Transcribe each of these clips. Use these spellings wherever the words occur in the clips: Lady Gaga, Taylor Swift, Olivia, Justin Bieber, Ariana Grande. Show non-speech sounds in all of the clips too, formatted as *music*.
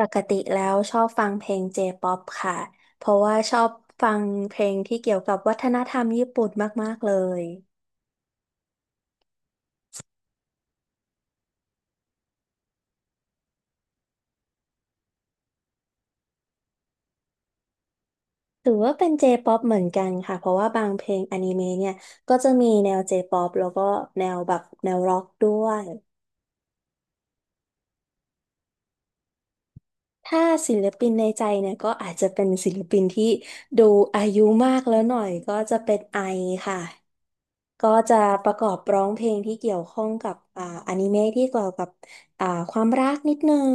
ปกติแล้วชอบฟังเพลงเจป๊อปค่ะ เพราะว่าชอบฟังเพลงที่เกี่ยวกับวัฒนธรรมญี่ปุ่นมากๆเลยถือว่าเป็นเจป๊อปเหมือนกันค่ะ เพราะว่าบางเพลงอนิเมะเนี่ยก็จะมีแนวเจป๊อปแล้วก็แนวแบบแนวร็อกด้วยถ้าศิลปินในใจเนี่ยก็อาจจะเป็นศิลปินที่ดูอายุมากแล้วหน่อยก็จะเป็นไอค่ะ ก็จะประกอบร้องเพลงที่เกี่ยวข้องกับอนิเมะที่เกี่ยวกับอ่าความรักนิดนึง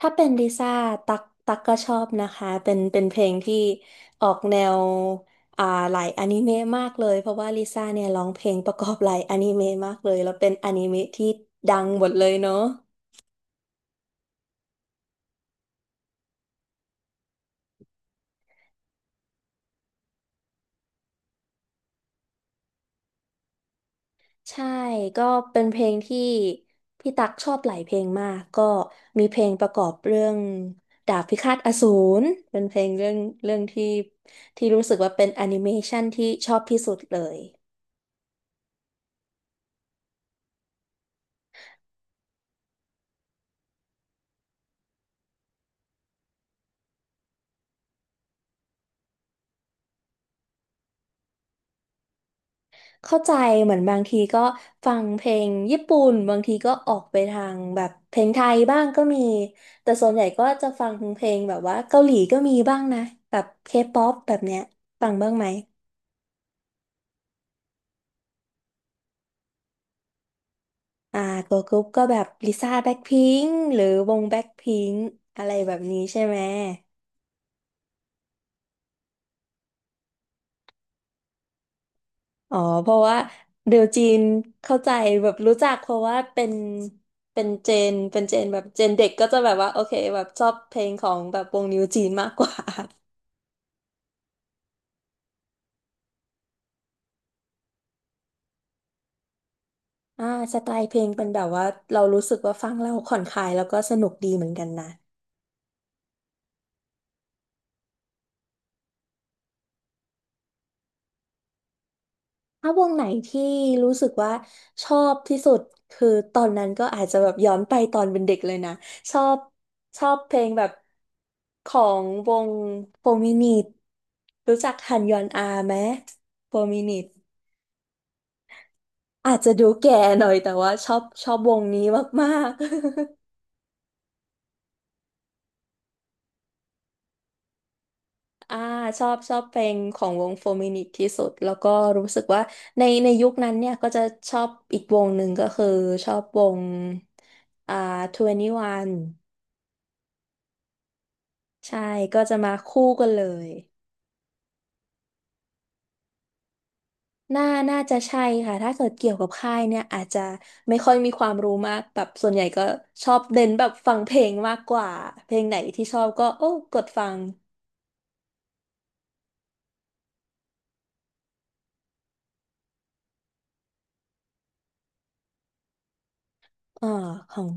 ถ้าเป็นลิซ่าตักก็ชอบนะคะเป็นเพลงที่ออกแนวอ่าหลายอนิเมะมากเลยเพราะว่าลิซ่าเนี่ยร้องเพลงประกอบหลายอนิเมะมากเลยแล้วเป็นอนิเมะที่ดังหมดเลยเนาะใช่ก็เป็นเพลงที่พี่ตักชอบหลายเพลงมากก็มีเพลงประกอบเรื่องดาบพิฆาตอสูรเป็นเพลงเรื่องที่รู้สึกว่าเป็นแอนิเมชันที่ชอบที่สุดเลย เข้าใจเหมือนบางทีก็ฟังเพลงญี่ปุ่นบางทีก็ออกไปทางแบบเพลงไทยบ้างก็มีแต่ส่วนใหญ่ก็จะฟังเพลงแบบว่าเกาหลีก็มีบ้างนะแบบเคป๊อปแบบเนี้ยฟังบ้างไหมอ่าตัวกรุ๊ปก็แบบลิซ่าแบ็คพิงค์หรือวงแบ็คพิงค์อะไรแบบนี้ใช่ไหมอ๋อเพราะว่าเดี๋ยวจีนเข้าใจแบบรู้จักเพราะว่าเป็นเจนแบบเจนเด็กก็จะแบบว่าโอเคแบบชอบเพลงของแบบวงนิวจีนมากกว่า อ่าสไตล์เพลงเป็นแบบว่าเรารู้สึกว่าฟังแล้วผ่อนคลายแล้วก็สนุกดีเหมือนกันนะถ้าวงไหนที่รู้สึกว่าชอบที่สุดคือตอนนั้นก็อาจจะแบบย้อนไปตอนเป็นเด็กเลยนะชอบชอบเพลงแบบของวงโฟร์มินิทรู้จักฮันยอนอาไหมโฟร์มินิทอาจจะดูแก่หน่อยแต่ว่าชอบวงนี้มากๆ อ่าชอบเพลงของวงโฟร์มินิที่สุดแล้วก็รู้สึกว่าในยุคนั้นเนี่ยก็จะชอบอีกวงหนึ่งก็คือชอบวงอ่า21ใช่ก็จะมาคู่กันเลยน่าน่าจะใช่ค่ะถ้าเกิดเกี่ยวกับค่ายเนี่ยอาจจะไม่ค่อยมีความรู้มากแบบส่วนใหญ่ก็ชอบเน้นแบบฟังเพลงมากกว่าเพลงไหนที่ชอบก็โอ้กดฟัง เอ่อของ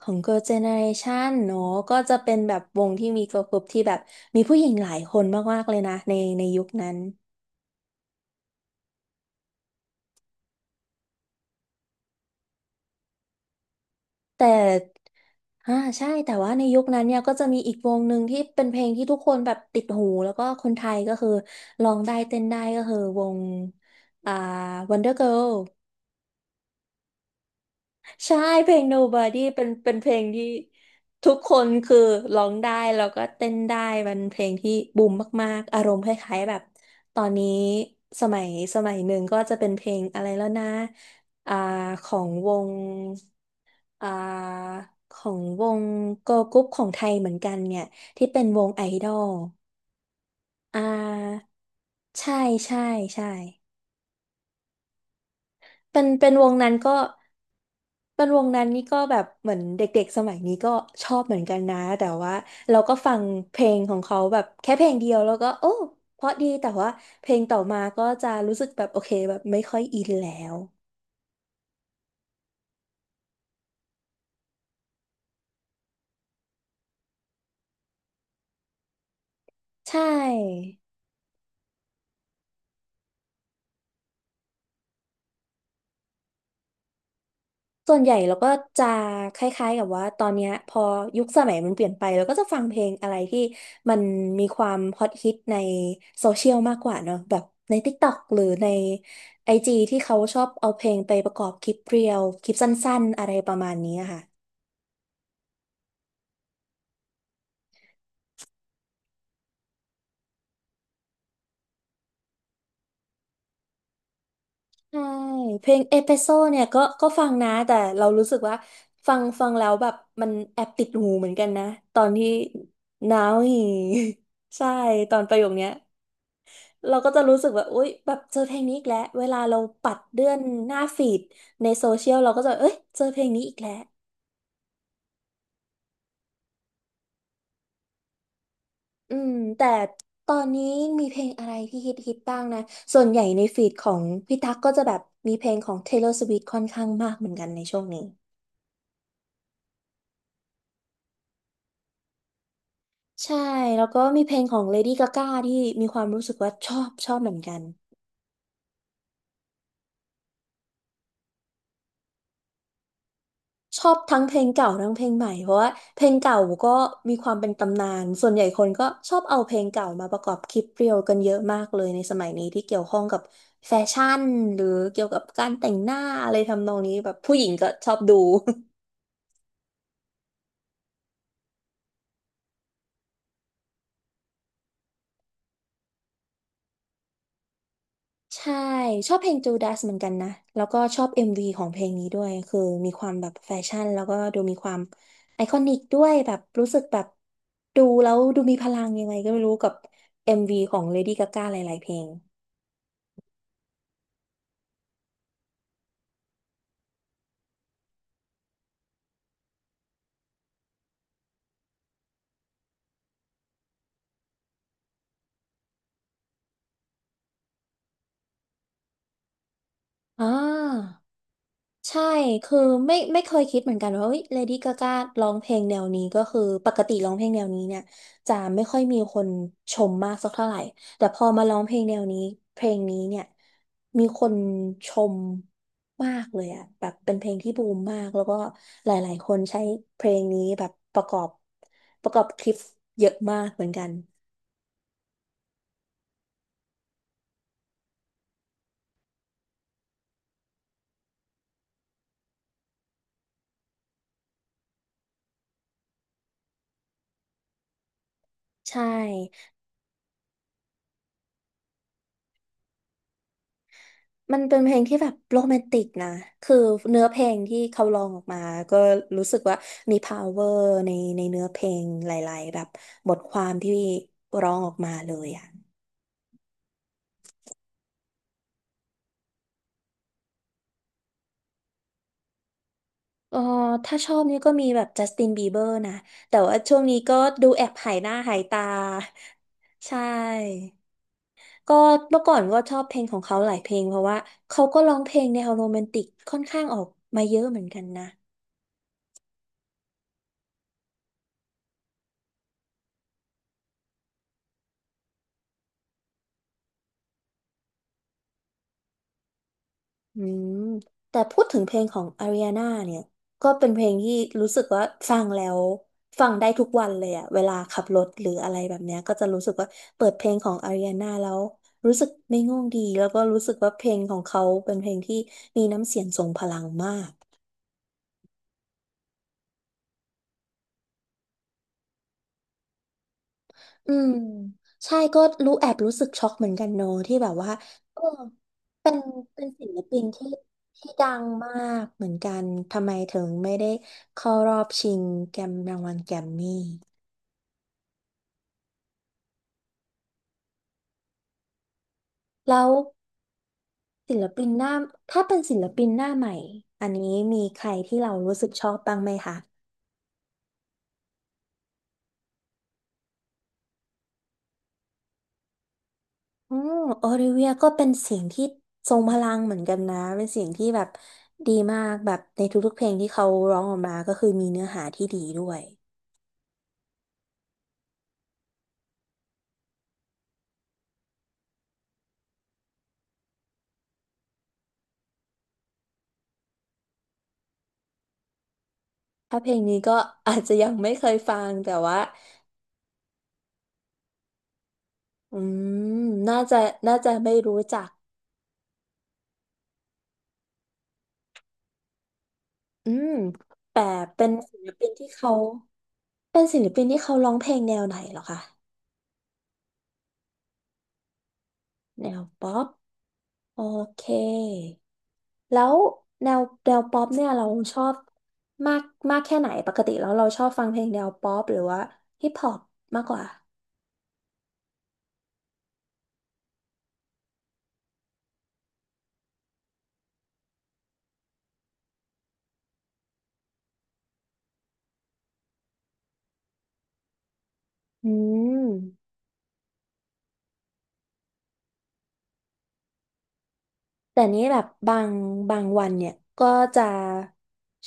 ของ Girl Generation เนอะก็จะเป็นแบบวงที่มี girl group ที่แบบมีผู้หญิงหลายคนมากๆเลยนะในยุคนั้นแต่อ่าใช่แต่ว่าในยุคนั้นเนี่ยก็จะมีอีกวงหนึ่งที่เป็นเพลงที่ทุกคนแบบติดหูแล้วก็คนไทยก็คือร้องได้เต้นได้ก็คือวงอ่า Wonder Girl ใช่เพลง Nobody เป็นเพลงที่ทุกคนคือร้องได้แล้วก็เต้นได้มันเพลงที่บูมมากๆอารมณ์คล้ายๆแบบตอนนี้สมัยสมัยหนึ่งก็จะเป็นเพลงอะไรแล้วนะอ่าของวงอ่าของวงเกิร์ลกรุ๊ปของไทยเหมือนกันเนี่ยที่เป็นวงไอดอลอ่าใช่ใช่ใช่เป็นวงนั้นก็ เป็นวงนั้นนี่ก็แบบเหมือนเด็กๆสมัยนี้ก็ชอบเหมือนกันนะแต่ว่าเราก็ฟังเพลงของเขาแบบแค่เพลงเดียวแล้วก็โอ้เพราะดีแต่ว่าเพลงต่อมาก็จะรู้สึกแบบโอเคแบบไม่ค่อยอินแล้วใช่ ส่วนใหญ่เราก็จะคล้ายๆกับว่าตอนเนี้ยพอยุคสมัยมันเปลี่ยนไปเราก็จะฟังเพลงอะไรที่มันมีความฮอตฮิตในโซเชียลมากกว่าเนอะแบบใน TikTok หรือใน IG ที่เขาชอบเอาเพลงไปประกอบคลิปเรียลคลิปสั้นๆอะไรประมาณนี้อะค่ะใช่เพลงเอพิโซเนี่ยก็ฟังนะแต่เรารู้สึกว่าฟังแล้วแบบมันแอบติดหูเหมือนกันนะตอนที่ now *laughs* ใช่ตอนประโยคเนี้ย เราก็จะรู้สึกว่าอุ๊ยแบบเจอเพลงนี้อีกแล้วเวลาเราปัดเลื่อนหน้าฟีดในโซเชียลเราก็จะเอ้ยเจอเพลงนี้อีกแล้วอืมแต่ตอนนี้มีเพลงอะไรที่ฮิตฮิตบ้างนะส่วนใหญ่ในฟีดของพี่ตั๊กก็จะแบบมีเพลงของ Taylor Swift ค่อนข้างมากเหมือนกันในช่วงนี้ใช่แล้วก็มีเพลงของ Lady Gaga ที่มีความรู้สึกว่าชอบเหมือนกัน ชอบทั้งเพลงเก่าทั้งเพลงใหม่เพราะว่าเพลงเก่าก็มีความเป็นตำนานส่วนใหญ่คนก็ชอบเอาเพลงเก่ามาประกอบคลิปเรียลกันเยอะมากเลยในสมัยนี้ที่เกี่ยวข้องกับแฟชั่นหรือเกี่ยวกับการแต่งหน้าอะไรทำนองนี้แบบผู้หญิงก็ชอบดู *laughs* ใช่ชอบเพลง j ูด a สเหมือนกันนะแล้วก็ชอบ MV ของเพลงนี้ด้วยคือมีความแบบแฟชั่นแล้วก็ดูมีความไอคอนิกด้วยแบบรู้สึกแบบดูแล้วดูมีพลังยังไงก็ไม่รู้กับ MV ของเลดี้กาก้าหลายๆเพลง อ่าใช่คือไม่เคยคิดเหมือนกันว่าเฮ้ยเลดี้กากร้องเพลงแนวนี้ก็คือปกติร้องเพลงแนวนี้เนี่ยจะไม่ค่อยมีคนชมมากสักเท่าไหร่แต่พอมาร้องเพลงแนวนี้เพลงนี้เนี่ยมีคนชมมากเลยอะแบบเป็นเพลงที่บูมมากแล้วก็หลายๆคนใช้เพลงนี้แบบประกอบคลิปเยอะมากเหมือนกันใช่ มันเป็นเพลงที่แบบโรแมนติกนะ คือเนื้อเพลงที่เขาร้องออกมาก็รู้สึกว่ามี power ในเนื้อเพลงหลายๆแบบบทความที่ร้องออกมาเลยอ่ะเออถ้าชอบนี่ก็มีแบบจัสตินบีเบอร์นะแต่ว่าช่วงนี้ก็ดูแอบหายหน้าหายตา *laughs* ใช่ก็เมื่อก่อนก็ชอบเพลงของเขาหลายเพลงเพราะว่าเขาก็ร้องเพลงแนวโรแมนติกค่อนข้างออกมาเยอะเหมือนกันนะ อืมแต่พูดถึงเพลงของอาริอาน่าเนี่ยก็เป็นเพลงที่รู้สึกว่าฟังแล้วฟังได้ทุกวันเลยอะเวลาขับรถหรืออะไรแบบเนี้ยก็จะรู้สึกว่าเปิดเพลงของอาริอาน่าแล้วรู้สึกไม่ง่วงดีแล้วก็รู้สึกว่าเพลงของเขาเป็นเพลงที่มีน้ำเสียงทรงพลังมาก อืมใช่ก็รู้แอบรู้สึกช็อกเหมือนกันโนอะที่แบบว่าเออเป็นเป็นศิลปินที่ดังมากเหมือนกันทำไมถึงไม่ได้เข้ารอบชิงแกรมรางวัลแกรมมี่แล้วศิลปินหน้าถ้าเป็นศิลปินหน้าใหม่อันนี้มีใครที่เรารู้สึกชอบบ้างไหมคะอืมโอลิเวียก็เป็นเสียงที่ทรงพลังเหมือนกันนะเป็นเสียงที่แบบดีมากแบบในทุกๆเพลงที่เขาร้องออกมาก็คือมีเนื้อหาที่ดีด้วย ถ้าเพลงนี้ก็ *laughs* อาจจะยังไม่เคยฟังแต่ว่าอืมน่าจะน่าจะไม่รู้จักอืมแต่เป็นศิลปินที่เขาเป็นศิลปินที่เขาร้องเพลงแนวไหนเหรอคะแนวป๊อป โอเค แล้วแนวป๊อปเนี่ยเราชอบมากมากแค่ไหน ปกติแล้วเราชอบฟังเพลงแนวป๊อปหรือว่าฮิปฮอปมากกว่าอืม แต่นี้แบบบางวันเนี่ยก็จะ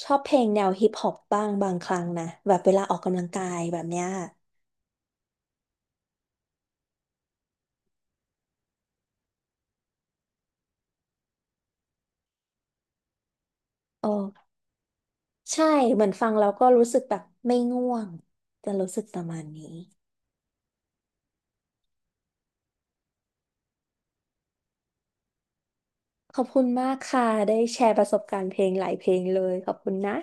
ชอบเพลงแนวฮิปฮอปบ้างบางครั้งนะแบบเวลาออกกำลังกายแบบเนี้ยโอ้ใช่เหมือนฟังแล้วก็รู้สึกแบบไม่ง่วงจะรู้สึกประมาณนี้ขอบคุณมากค่ะได้แชร์ประสบการณ์เพลงหลายเพลงเลยขอบคุณนะ